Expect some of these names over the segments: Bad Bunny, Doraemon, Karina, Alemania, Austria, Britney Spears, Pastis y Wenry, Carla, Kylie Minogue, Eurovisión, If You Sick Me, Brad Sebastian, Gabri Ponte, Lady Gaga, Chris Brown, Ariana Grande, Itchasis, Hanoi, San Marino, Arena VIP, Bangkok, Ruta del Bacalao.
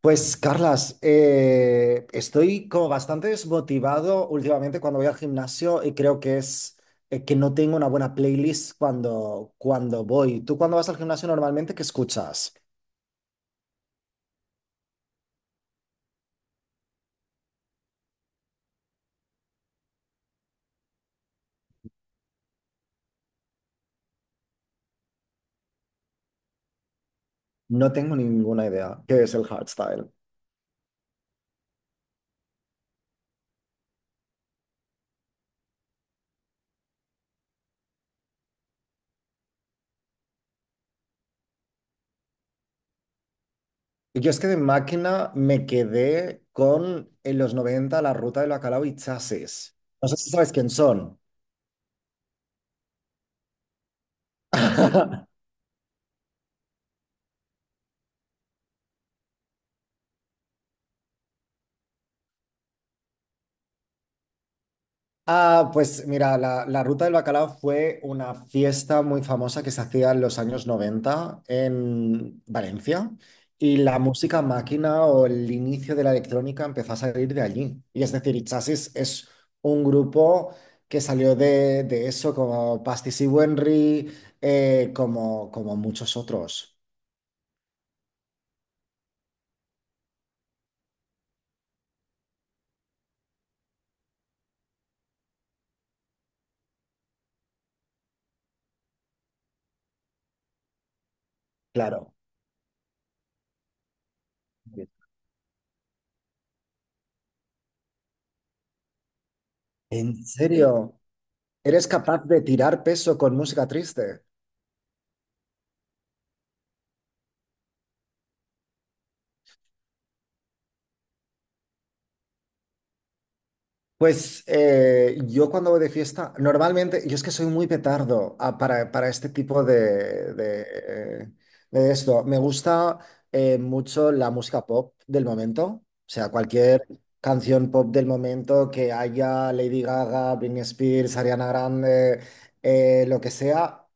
Pues, Carlas, estoy como bastante desmotivado últimamente cuando voy al gimnasio y creo que es que no tengo una buena playlist cuando voy. ¿Tú cuando vas al gimnasio normalmente qué escuchas? No tengo ninguna idea qué es el hardstyle. Yo es que de máquina me quedé con en los 90 la Ruta del Bacalao y Chasis. No sé si sabes quién son. Ah, pues mira, la Ruta del Bacalao fue una fiesta muy famosa que se hacía en los años 90 en Valencia, y la música máquina o el inicio de la electrónica empezó a salir de allí. Y es decir, Itchasis es un grupo que salió de eso, como Pastis y Wenry, como muchos otros. Claro. ¿En serio? ¿Eres capaz de tirar peso con música triste? Pues yo cuando voy de fiesta, normalmente, yo es que soy muy petardo, para este tipo de esto. Me gusta mucho la música pop del momento, o sea, cualquier canción pop del momento que haya Lady Gaga, Britney Spears, Ariana Grande, lo que sea,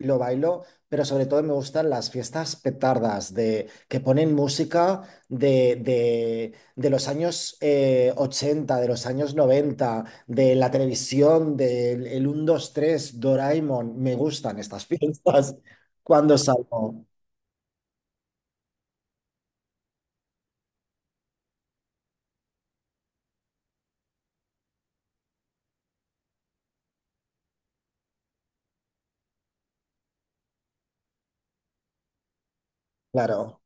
lo bailo, pero sobre todo me gustan las fiestas petardas que ponen música de, de los años 80, de los años 90, de la televisión, del el 1, 2, 3, Doraemon. Me gustan estas fiestas cuando salgo, claro.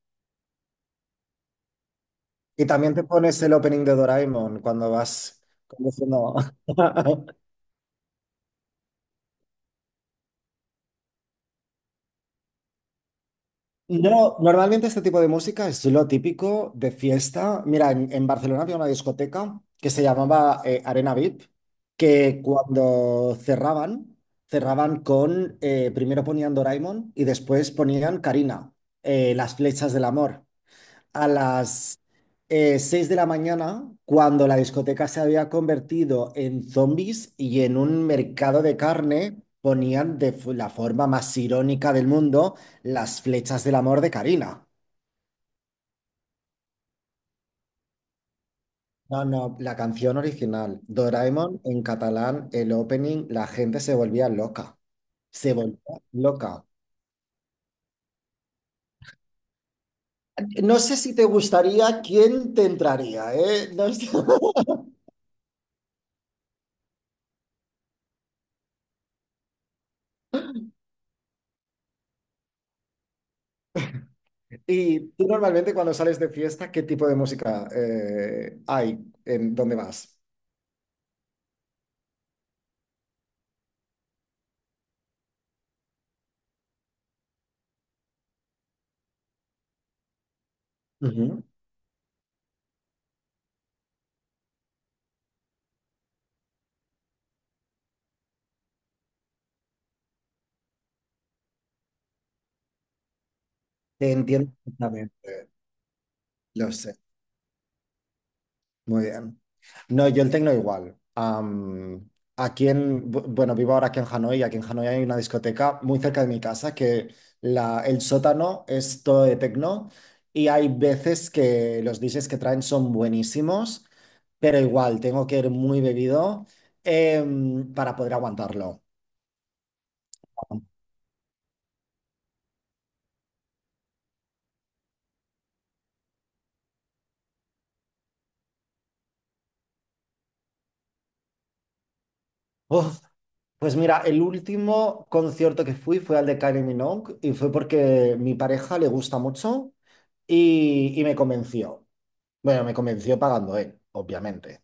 Y también te pones el opening de Doraemon cuando vas conduciendo. No, normalmente este tipo de música es lo típico de fiesta. Mira, en Barcelona había una discoteca que se llamaba Arena VIP, que cuando cerraban, cerraban con, primero ponían Doraemon y después ponían Karina, las flechas del amor a las 6 de la mañana, cuando la discoteca se había convertido en zombies y en un mercado de carne ponían de la forma más irónica del mundo las flechas del amor de Karina. No, no, la canción original, Doraemon en catalán, el opening, la gente se volvía loca. Se volvía loca. No sé si te gustaría quién te entraría, ¿eh? No sé. Y tú normalmente cuando sales de fiesta, ¿qué tipo de música hay en dónde vas? Ujú. Te entiendo perfectamente, lo sé, muy bien. No, yo el tecno igual. Aquí bueno, vivo ahora aquí en Hanoi, y aquí en Hanoi hay una discoteca muy cerca de mi casa que el sótano es todo de tecno, y hay veces que los DJs que traen son buenísimos, pero igual tengo que ir muy bebido, para poder aguantarlo. Uf, pues mira, el último concierto que fui fue al de Kylie Minogue, y fue porque mi pareja le gusta mucho y me convenció. Bueno, me convenció pagando él, obviamente.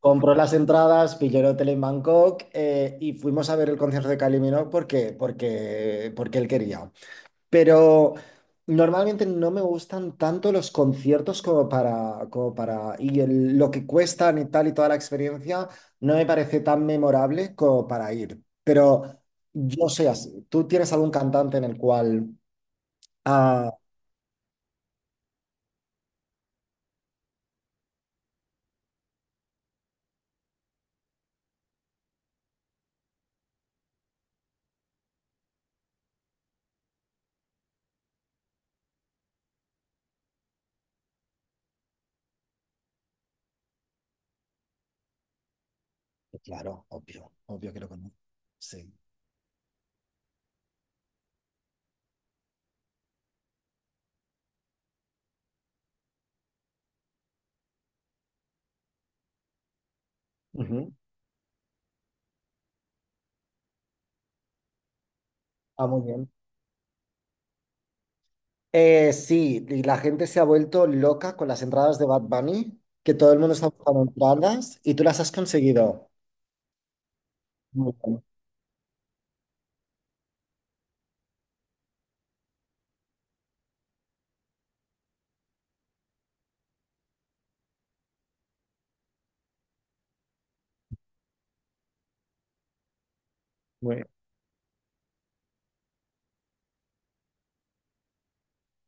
Compró las entradas, pilló el hotel en Bangkok, y fuimos a ver el concierto de Kylie Minogue porque él quería. Pero normalmente no me gustan tanto los conciertos como para, y lo que cuestan y tal y toda la experiencia no me parece tan memorable como para ir. Pero yo soy así. ¿Tú tienes algún cantante en el cual...? Ah, claro, obvio, obvio que lo conozco. Sí. Ujú. Ah, muy bien. Sí, y la gente se ha vuelto loca con las entradas de Bad Bunny, que todo el mundo está buscando entradas y tú las has conseguido. Muy bien.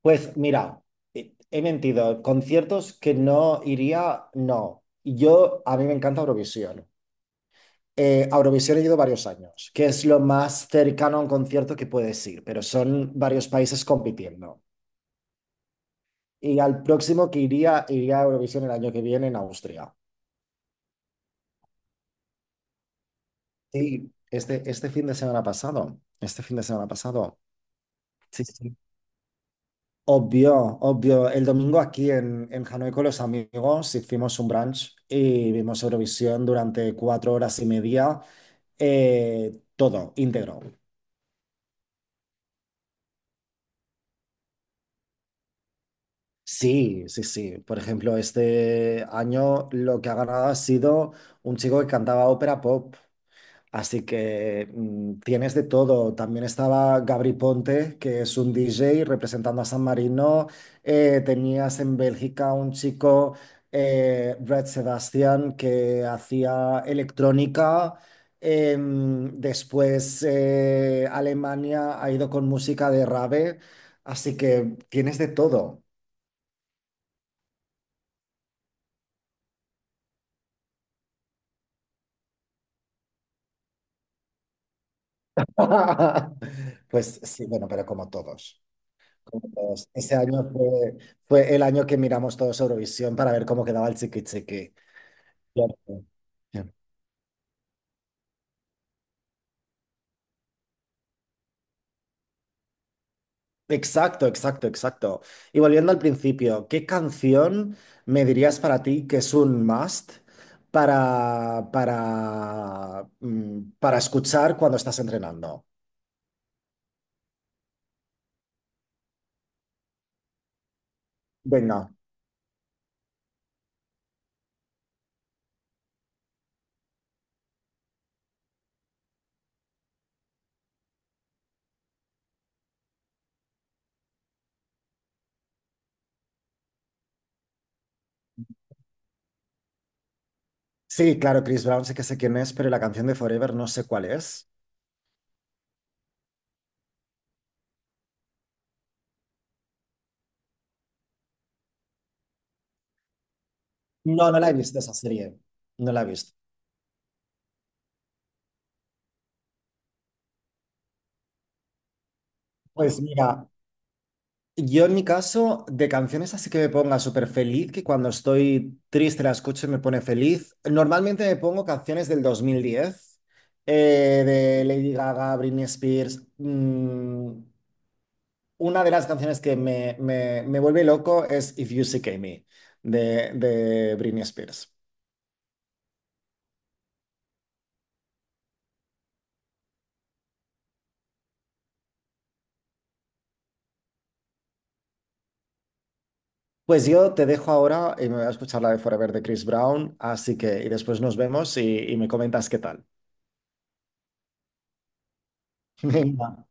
Pues mira, he mentido. Conciertos que no iría, no. A mí me encanta Eurovisión. A Eurovisión he ido varios años, que es lo más cercano a un concierto que puedes ir, pero son varios países compitiendo. Y al próximo que iría, iría a Eurovisión el año que viene en Austria. Sí, este fin de semana pasado. Este fin de semana pasado. Sí, sí. Obvio, obvio. El domingo aquí en Hanoi con los amigos hicimos un brunch y vimos Eurovisión durante 4 horas y media, todo íntegro. Sí, sí, sí. Por ejemplo, este año lo que ha ganado ha sido un chico que cantaba ópera pop. Así que tienes de todo. También estaba Gabri Ponte, que es un DJ representando a San Marino. Tenías en Bélgica un chico, Brad Sebastian, que hacía electrónica. Después Alemania ha ido con música de rave. Así que tienes de todo. Pues sí, bueno, pero como todos. Como todos. Ese año fue el año que miramos todos Eurovisión para ver cómo quedaba el chiqui chiqui. Cierto. Exacto, exacto, exacto. Y volviendo al principio, ¿qué canción me dirías para ti que es un must para, para escuchar cuando estás entrenando? Venga. Sí, claro, Chris Brown sé que sé quién es, pero la canción de Forever no sé cuál es. No, no la he visto esa serie. No la he visto. Pues mira, yo en mi caso, de canciones así que me ponga súper feliz, que cuando estoy triste la escucho y me pone feliz. Normalmente me pongo canciones del 2010, eh, de Lady Gaga, Britney Spears. Una de las canciones que me vuelve loco es If You Sick Me, de Britney Spears. Pues yo te dejo ahora y me voy a escuchar la de Forever de Chris Brown, así que y después nos vemos y me comentas qué tal. Venga.